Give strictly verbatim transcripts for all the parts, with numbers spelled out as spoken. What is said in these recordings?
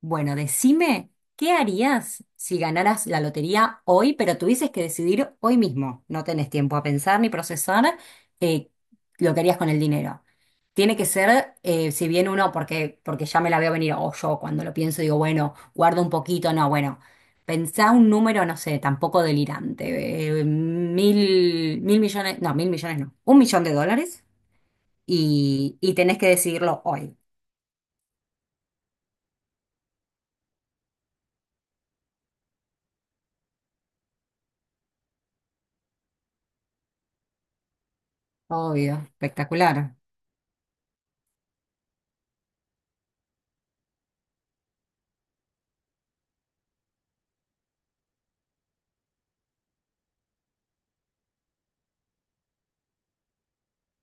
Bueno, decime, ¿qué harías si ganaras la lotería hoy, pero tuvieses que decidir hoy mismo? No tenés tiempo a pensar ni procesar eh, lo que harías con el dinero. Tiene que ser, eh, si bien uno, porque, porque ya me la veo venir, o yo cuando lo pienso digo, bueno, guardo un poquito, no, bueno, pensá un número, no sé, tampoco delirante, eh, mil, mil millones, no, mil millones no, un millón de dólares y, y tenés que decidirlo hoy. Obvio, espectacular.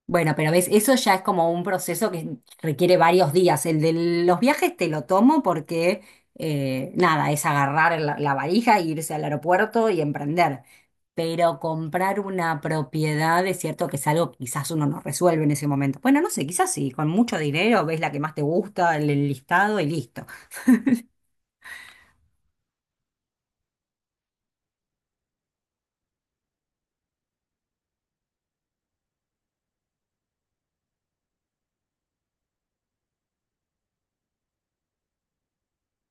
Bueno, pero ves, eso ya es como un proceso que requiere varios días. El de los viajes te lo tomo porque, eh, nada, es agarrar la, la valija, e irse al aeropuerto y emprender. Pero comprar una propiedad es cierto que es algo que quizás uno no resuelve en ese momento. Bueno, no sé, quizás sí, con mucho dinero ves la que más te gusta, el el listado y listo.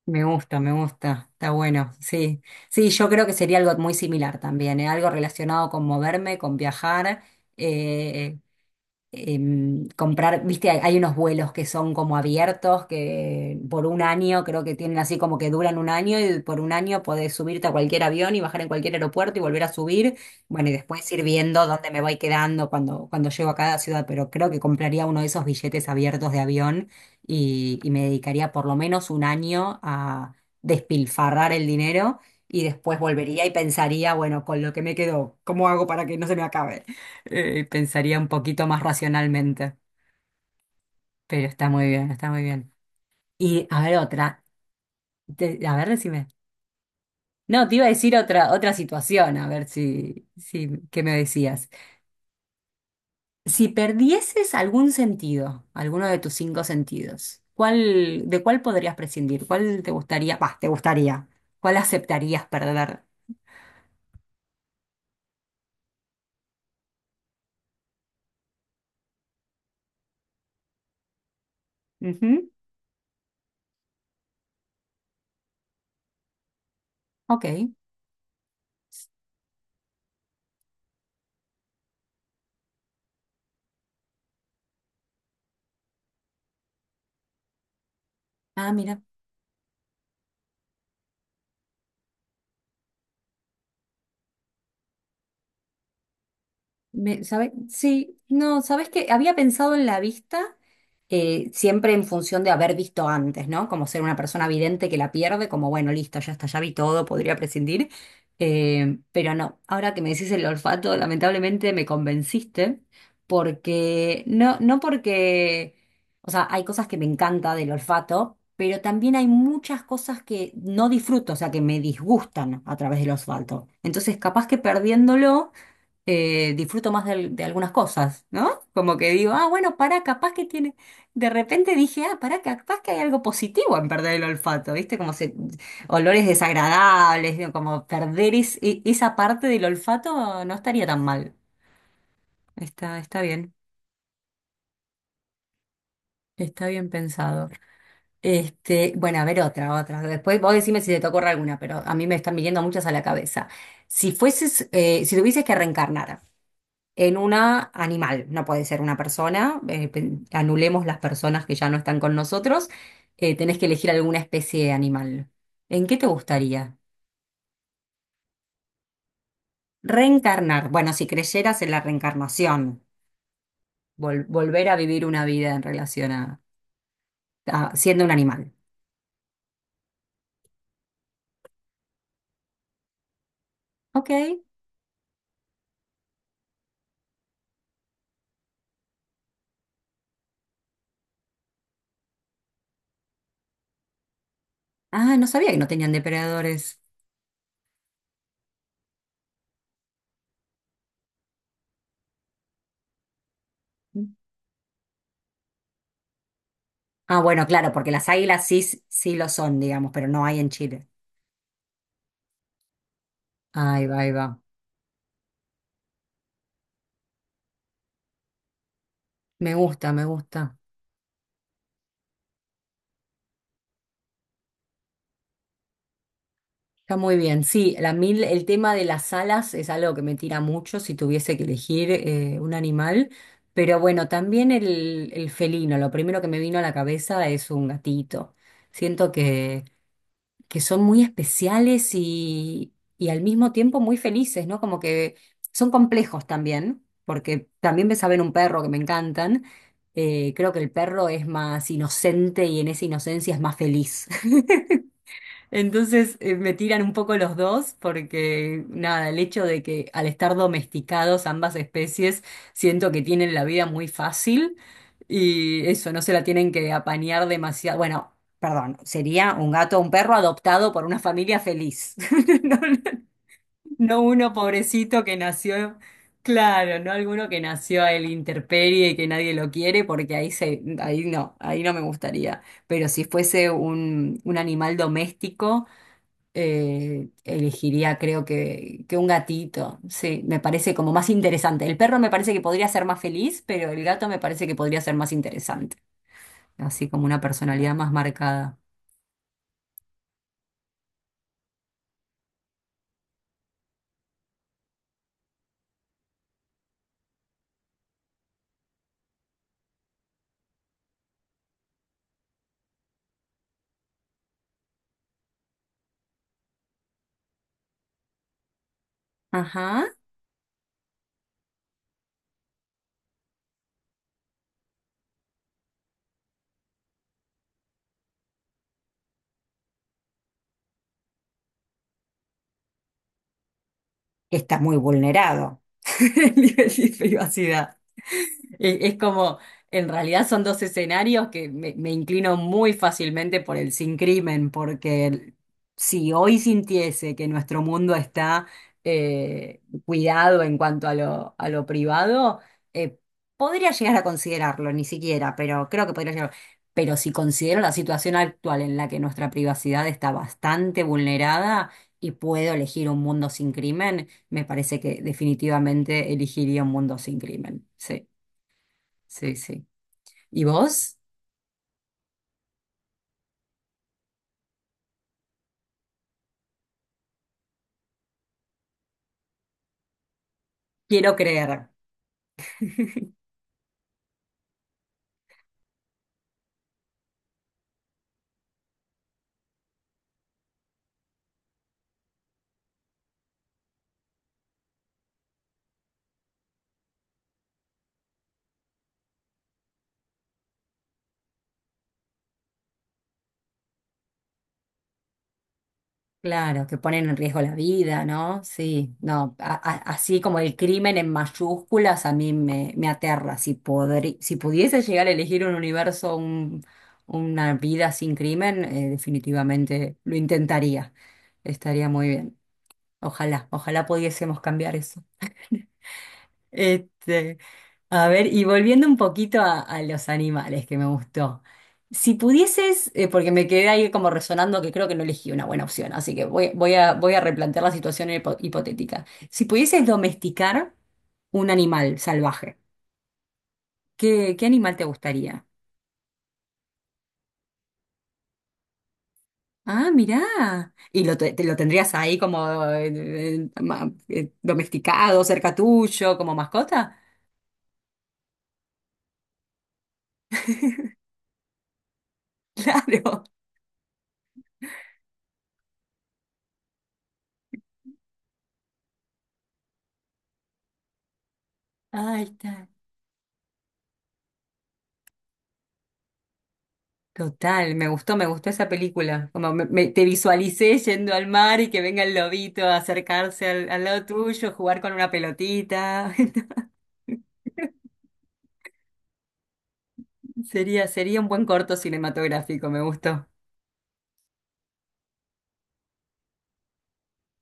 Me gusta, me gusta, está bueno, sí. Sí, yo creo que sería algo muy similar también, ¿eh? Algo relacionado con moverme, con viajar. eh, em, Comprar, viste, hay, hay unos vuelos que son como abiertos, que por un año creo que tienen así como que duran un año y por un año podés subirte a cualquier avión y bajar en cualquier aeropuerto y volver a subir. Bueno, y después ir viendo dónde me voy quedando cuando, cuando llego a cada ciudad, pero creo que compraría uno de esos billetes abiertos de avión y, y me dedicaría por lo menos un año a despilfarrar el dinero. Y después volvería y pensaría, bueno, con lo que me quedó, ¿cómo hago para que no se me acabe? Eh, pensaría un poquito más racionalmente, pero está muy bien, está muy bien. Y a ver otra, Te- a ver, decime. No, te iba a decir otra, otra situación, a ver si, si, ¿qué me decías? Si perdieses algún sentido, alguno de tus cinco sentidos, ¿cuál, de cuál podrías prescindir? ¿Cuál te gustaría? Bah, te gustaría. ¿Cuál aceptarías perder? Ujú, ok. Ah, mira. Me, ¿sabe? Sí, no, ¿sabes qué? Había pensado en la vista, eh, siempre en función de haber visto antes, ¿no? Como ser una persona vidente que la pierde, como bueno, listo, ya está, ya vi todo, podría prescindir. Eh, pero no, ahora que me decís el olfato, lamentablemente me convenciste, porque no, no porque, o sea, hay cosas que me encanta del olfato, pero también hay muchas cosas que no disfruto, o sea, que me disgustan a través del olfato. Entonces, capaz que perdiéndolo eh, disfruto más de, al- de algunas cosas, ¿no? Como que digo, ah, bueno, pará, capaz que tiene. De repente dije, ah, pará, capaz que hay algo positivo en perder el olfato, ¿viste? Como se... olores desagradables, digo, como perder es- e- esa parte del olfato no estaría tan mal. Está, está bien, está bien pensado. Este, bueno, a ver otra, otra. Después vos decime si te te ocurre alguna, pero a mí me están viniendo muchas a la cabeza. Si fueses, eh, si tuvieses que reencarnar, en una animal, no puede ser una persona, eh, pen- anulemos las personas que ya no están con nosotros, eh, tenés que elegir alguna especie de animal. ¿En qué te gustaría? Reencarnar, bueno, si creyeras en la reencarnación, vol- volver a vivir una vida en relación a, a siendo un animal. Ok. Ah, no sabía que no tenían depredadores. Ah, bueno, claro, porque las águilas sí, sí lo son, digamos, pero no hay en Chile. Ahí va, ahí va. Me gusta, me gusta. Está muy bien. Sí, la mil, el tema de las alas es algo que me tira mucho si tuviese que elegir eh, un animal. Pero bueno, también el, el felino. Lo primero que me vino a la cabeza es un gatito. Siento que, que son muy especiales y, y al mismo tiempo muy felices, ¿no? Como que son complejos también, porque también me saben un perro que me encantan. Eh, creo que el perro es más inocente y en esa inocencia es más feliz. Entonces eh, me tiran un poco los dos porque nada, el hecho de que al estar domesticados ambas especies siento que tienen la vida muy fácil y eso, no se la tienen que apañar demasiado. Bueno, perdón, sería un gato o un perro adoptado por una familia feliz. No, no uno pobrecito que nació, claro, no alguno que nació a la intemperie y que nadie lo quiere porque ahí se, ahí no, ahí no me gustaría. Pero si fuese un, un animal doméstico eh, elegiría, creo que, que un gatito. Sí, me parece como más interesante. El perro me parece que podría ser más feliz, pero el gato me parece que podría ser más interesante. Así como una personalidad más marcada. Ajá. Está muy vulnerado el nivel de privacidad. E- Es como, en realidad son dos escenarios que me, me inclino muy fácilmente por el sin crimen, porque el- si hoy sintiese que nuestro mundo está eh, cuidado en cuanto a lo, a lo privado, eh, podría llegar a considerarlo, ni siquiera, pero creo que podría llegar. Pero si considero la situación actual en la que nuestra privacidad está bastante vulnerada y puedo elegir un mundo sin crimen, me parece que definitivamente elegiría un mundo sin crimen. Sí. Sí, sí. ¿Y vos? Quiero creer. Claro, que ponen en riesgo la vida, ¿no? Sí, no, a- a- así como el crimen en mayúsculas a mí me, me aterra. Si, podri- si pudiese llegar a elegir un universo, un- una vida sin crimen, eh, definitivamente lo intentaría. Estaría muy bien. Ojalá, ojalá pudiésemos cambiar eso. Este, a ver, y volviendo un poquito a, a los animales que me gustó. Si pudieses, eh, porque me quedé ahí como resonando que creo que no elegí una buena opción, así que voy, voy a, voy a replantear la situación hipo- hipotética. Si pudieses domesticar un animal salvaje, ¿qué, qué animal te gustaría? Ah, mirá. Y lo, te, te lo tendrías ahí como eh, eh, ma- eh, domesticado, cerca tuyo, como mascota. Claro. Ahí está. Total, me gustó, me gustó esa película. Como me- me- te visualicé yendo al mar y que venga el lobito a acercarse al, al lado tuyo, jugar con una pelotita. Sería, sería un buen corto cinematográfico, me gustó.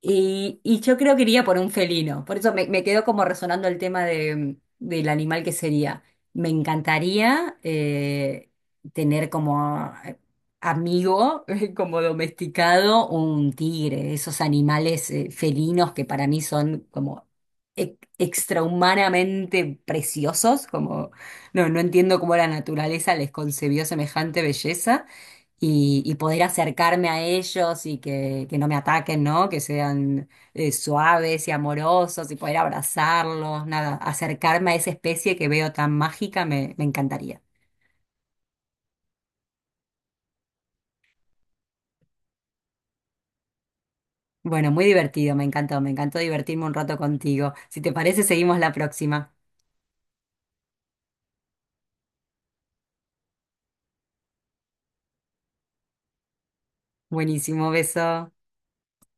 Y, y yo creo que iría por un felino. Por eso me, me quedó como resonando el tema de, del animal que sería. Me encantaría eh, tener como eh, amigo, como domesticado, un tigre. Esos animales eh, felinos que para mí son como e- extrahumanamente preciosos. Como, no, no entiendo cómo la naturaleza les concebió semejante belleza y, y poder acercarme a ellos y que, que no me ataquen, ¿no? Que sean eh, suaves y amorosos y poder abrazarlos, nada, acercarme a esa especie que veo tan mágica me, me encantaría. Bueno, muy divertido, me encantó, me encantó divertirme un rato contigo. Si te parece, seguimos la próxima. Buenísimo, beso.